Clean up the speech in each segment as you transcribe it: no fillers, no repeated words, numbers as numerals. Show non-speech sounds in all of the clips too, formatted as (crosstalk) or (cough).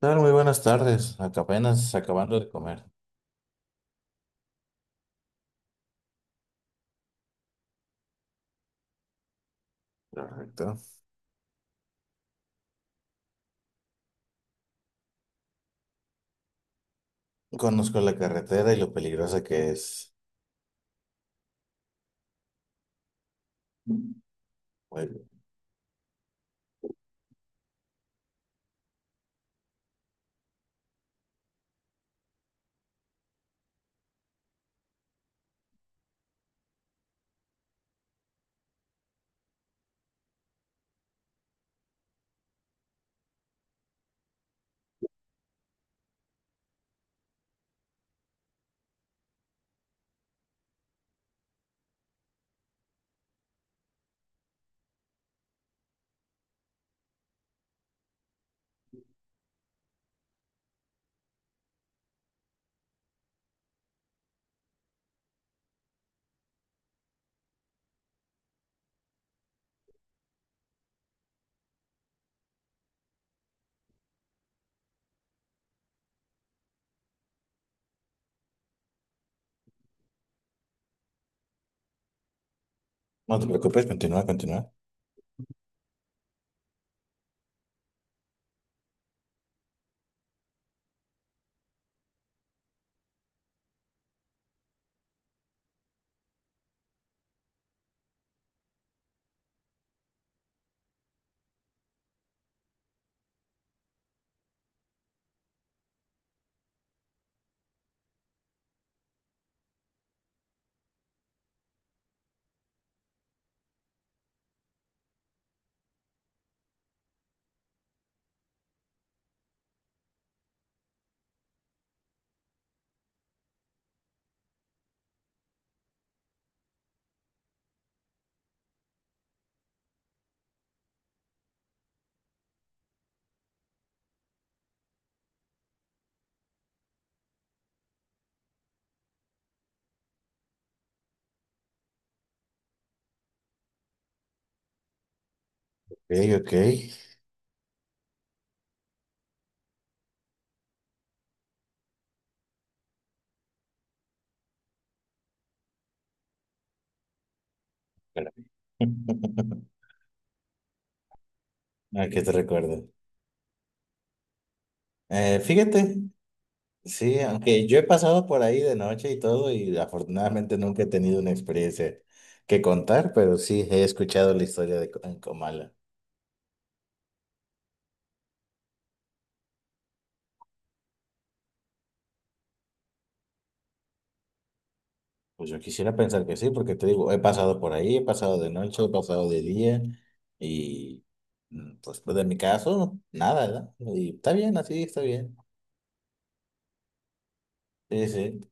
¿Tal? Muy buenas tardes. Acá apenas acabando de comer. Correcto. Conozco la carretera y lo peligrosa que es. Muy bien. No te preocupes, continúa, continúa. Ok, ok. (laughs) Ah, que te recuerdo. Fíjate, sí, aunque yo he pasado por ahí de noche y todo, y afortunadamente nunca he tenido una experiencia que contar, pero sí he escuchado la historia de en Comala. Pues yo quisiera pensar que sí, porque te digo, he pasado por ahí, he pasado de noche, he pasado de día, y pues, de mi caso, nada, ¿verdad? Y está bien, así está bien. Sí, sí.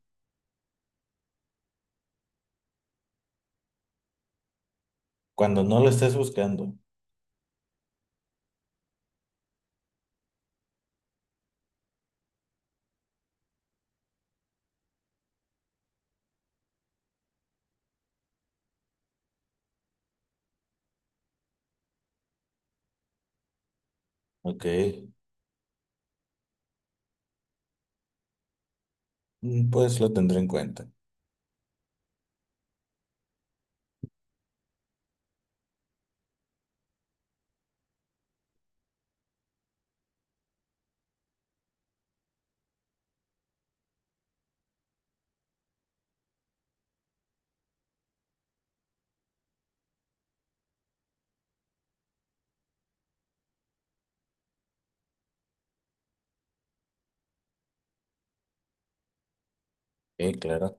Cuando no lo estés buscando, ok, mm, pues lo tendré en cuenta. Sí, claro.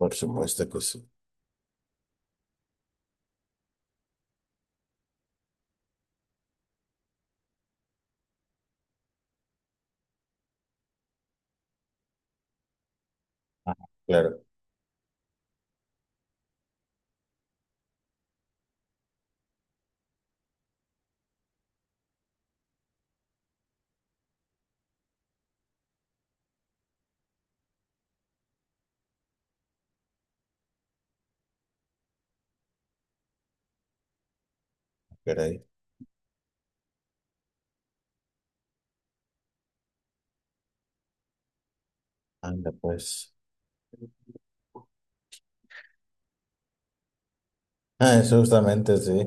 Por supuesto que sí. Ajá, claro, caray. Anda, pues. Ah, eso justamente, sí.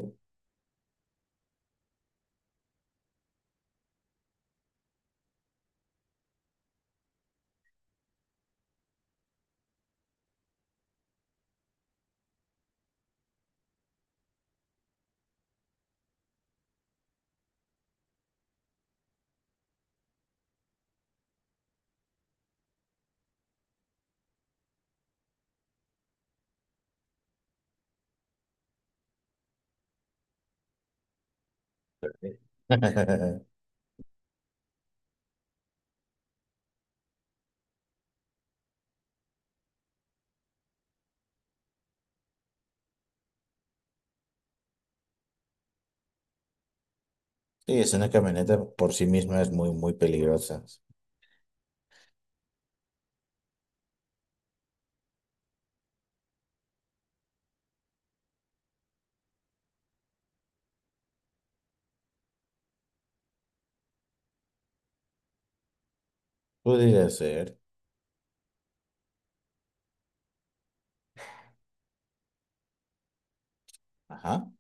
Sí, (laughs) sí, es una camioneta por sí misma, es muy, muy peligrosa. Podría ser. Ajá.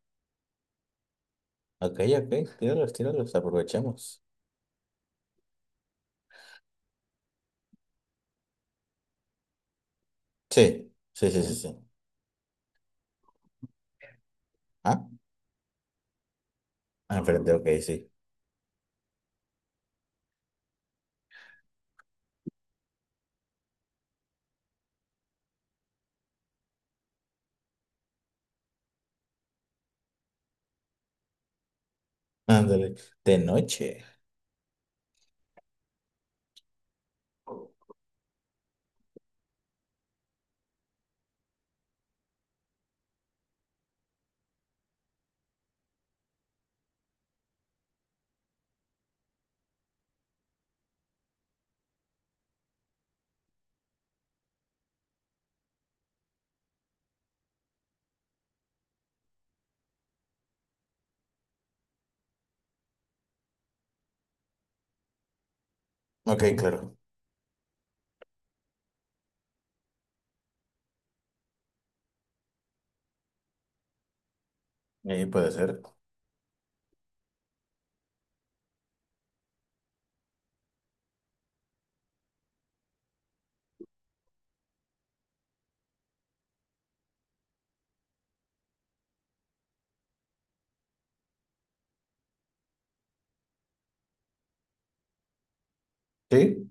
Ok, ok. Tíralos, tíralos, aprovechemos. Sí, sí, sí, sí, sí. Ah, enfrente, ok, sí. Ándale. De noche. Ok, claro. Ahí puede ser. Sí,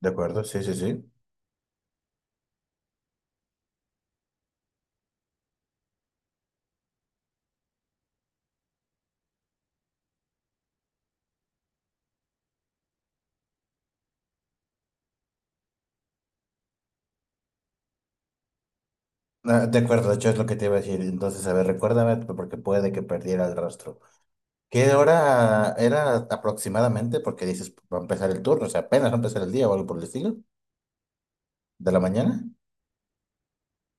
de acuerdo, sí, sí, sí. Ah, de acuerdo, de hecho es lo que te iba a decir. Entonces, a ver, recuérdame porque puede que perdiera el rastro. ¿Qué hora era aproximadamente? Porque dices, va a empezar el turno, o sea, apenas va a empezar el día o algo por el estilo, de la mañana.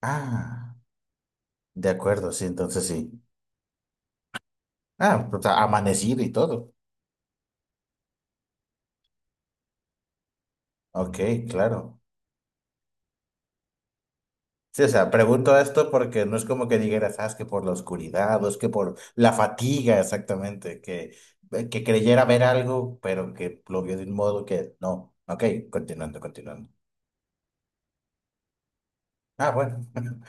Ah, de acuerdo, sí, entonces sí. Ah, o sea, amanecido y todo. Ok, claro. Sí, o sea, pregunto esto porque no es como que dijeras, ah, es que por la oscuridad, o es que por la fatiga, exactamente, que creyera ver algo, pero que lo vio de un modo que no. Ok, continuando, continuando. Ah, bueno, (laughs)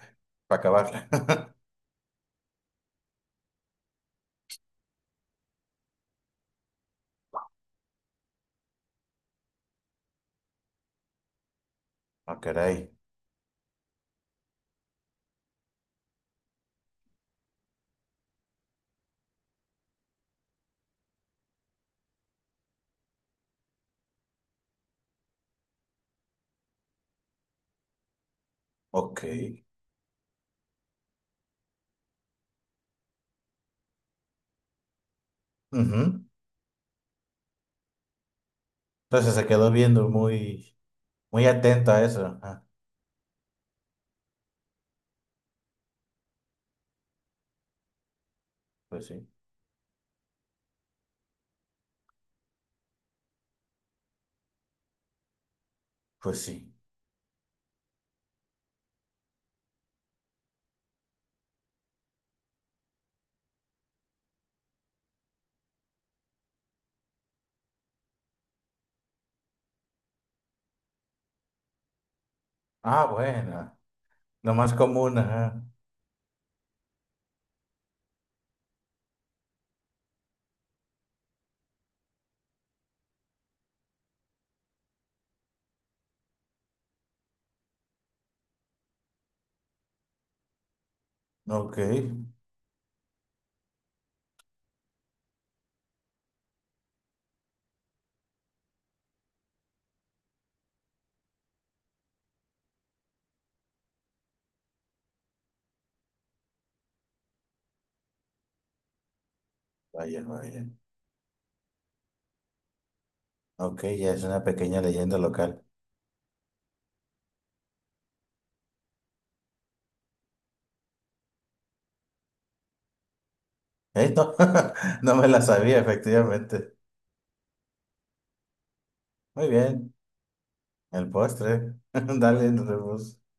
para acabarla. (laughs) Ah, caray. Ok. Ujú. Entonces se quedó viendo muy, muy atento a eso. Ah, pues sí, pues sí. Ah, bueno, lo más común, ajá. Ok, vaya, vaya. Ok, ya es una pequeña leyenda local. No, (laughs) no me la sabía, efectivamente. Muy bien, el postre. (laughs) Dale, nos vemos.